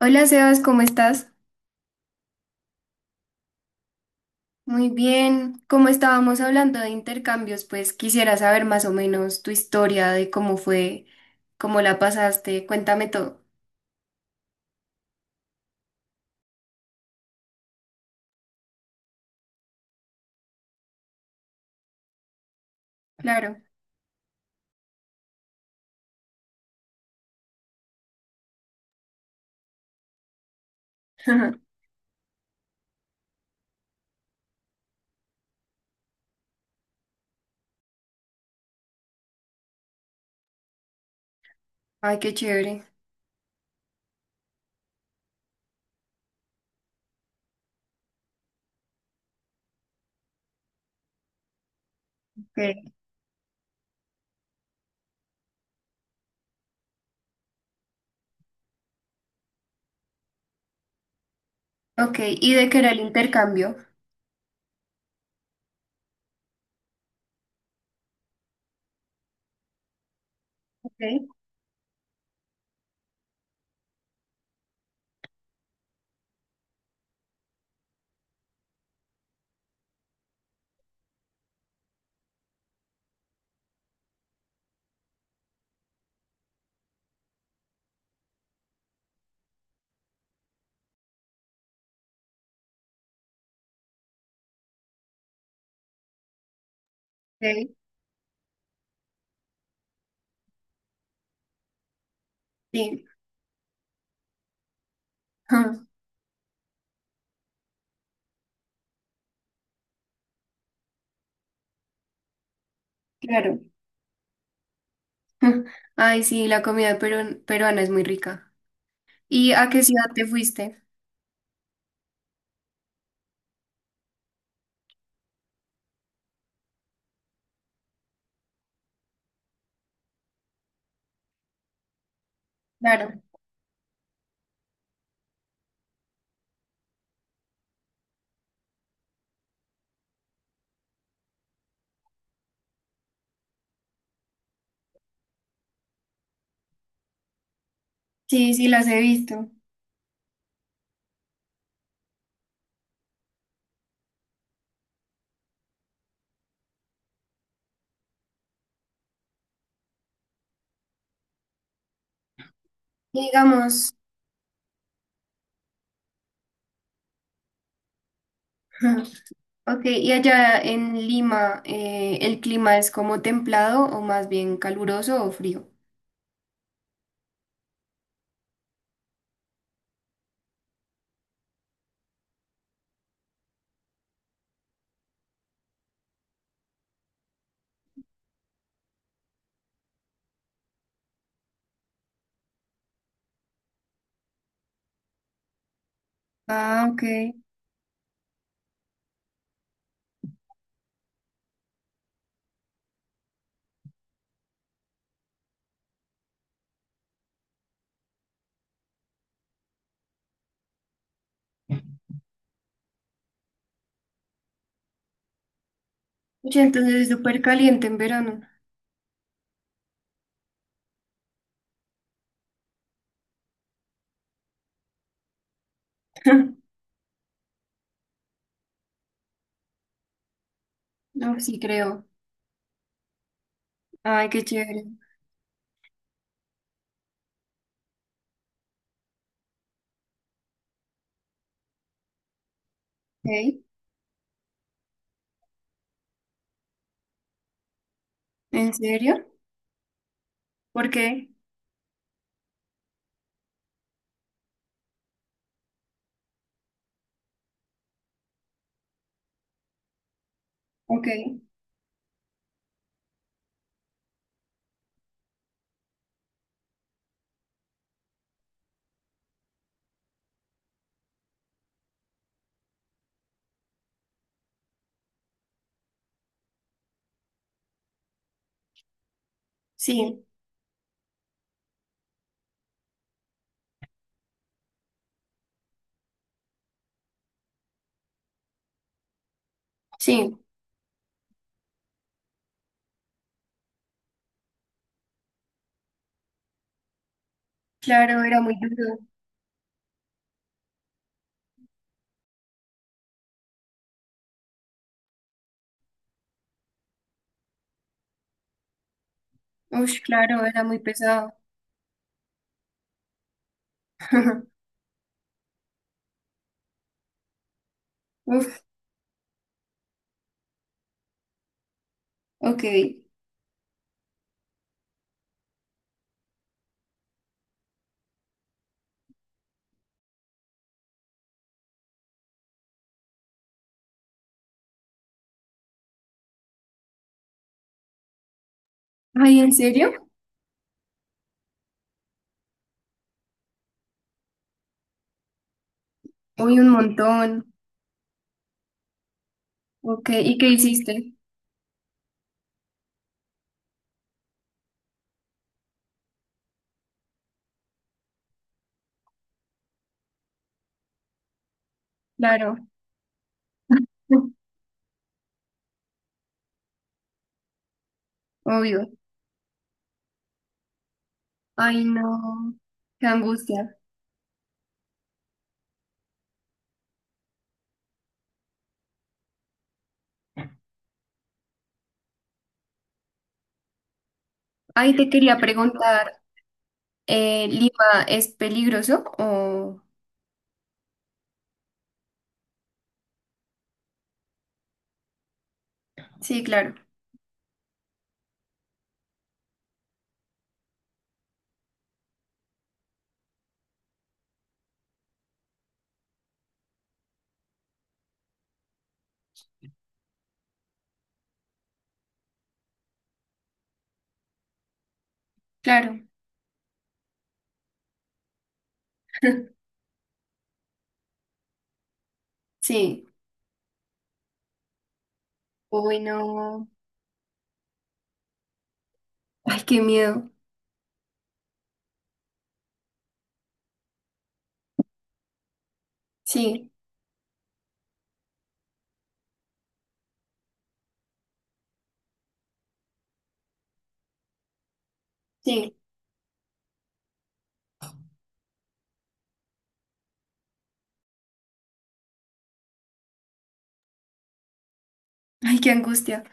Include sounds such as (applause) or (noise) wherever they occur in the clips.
Hola Sebas, ¿cómo estás? Muy bien. Como estábamos hablando de intercambios, pues quisiera saber más o menos tu historia de cómo fue, cómo la pasaste. Cuéntame todo. Claro. (laughs) Ay, qué chévere. Okay. Ok, ¿y de qué era el intercambio? Okay. Ok, sí, (laughs) claro. (laughs) Ay, sí, la comida peruana es muy rica. ¿Y a qué ciudad te fuiste? Claro. Sí, sí, las he visto. Digamos. (laughs) Ok, y allá en Lima, ¿el clima es como templado o más bien caluroso o frío? Ah, ok. Oye, entonces es súper caliente en verano. (laughs) No, sí creo. Ay, qué chévere. Ok. ¿En serio? ¿Por qué? Ok. Sí, sí. Claro, era muy duro. Ush, claro, era muy pesado. (laughs) Uf, ok. Ay, ¿en serio? Uy, un montón. Ok, ¿y qué hiciste? Claro, (laughs) obvio. Ay, no, qué angustia. Ay, te quería preguntar, ¿Lima es peligroso o...? Sí, claro, claro, (laughs) sí. Uy, no. Ay, qué miedo. Sí, sí. Ay, qué angustia.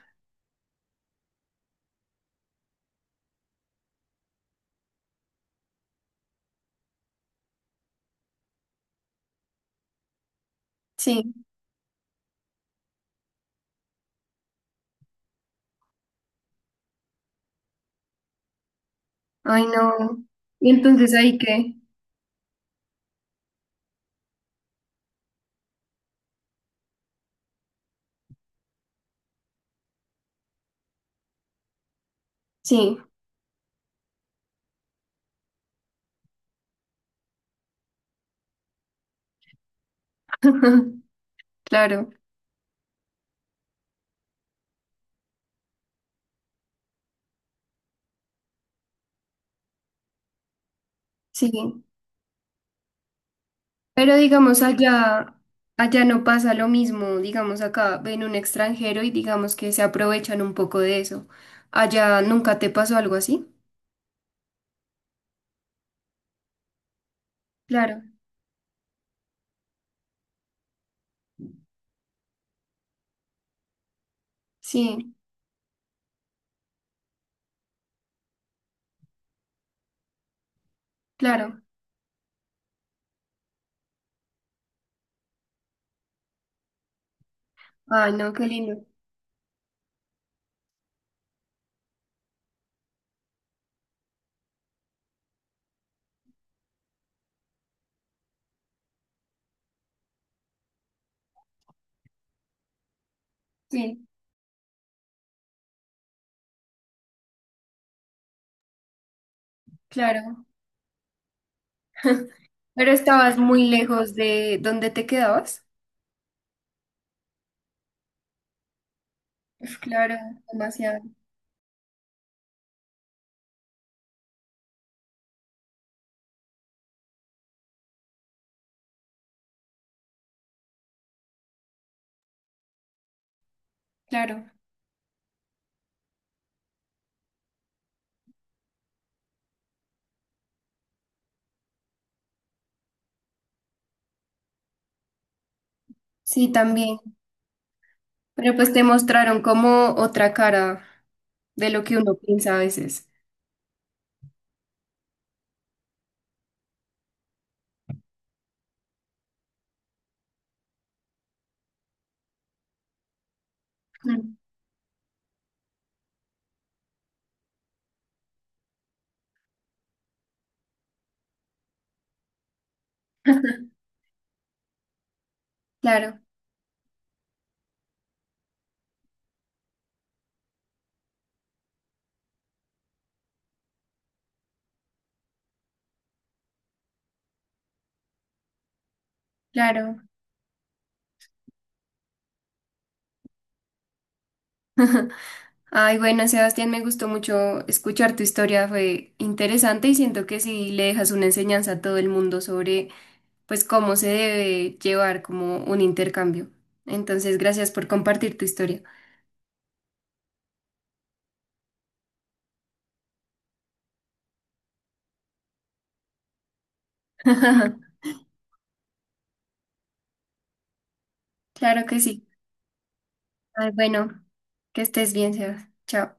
Sí. Ay, no. ¿Y entonces ahí qué? Sí, (laughs) claro, sí. Pero digamos allá, allá no pasa lo mismo. Digamos acá ven un extranjero y digamos que se aprovechan un poco de eso. ¿Allá nunca te pasó algo así? Claro, sí, claro. Ay, no, qué lindo. Sí, claro. (laughs) Pero estabas muy lejos de donde te quedabas. Uf, claro, demasiado. Claro. Sí, también. Pero pues te mostraron como otra cara de lo que uno piensa a veces. Mm. (laughs) Claro, claro. Ay, bueno, Sebastián, me gustó mucho escuchar tu historia, fue interesante y siento que sí le dejas una enseñanza a todo el mundo sobre, pues, cómo se debe llevar como un intercambio. Entonces, gracias por compartir tu historia. (laughs) Claro que sí. Ay, bueno, que estés bien, Sebas. Chao.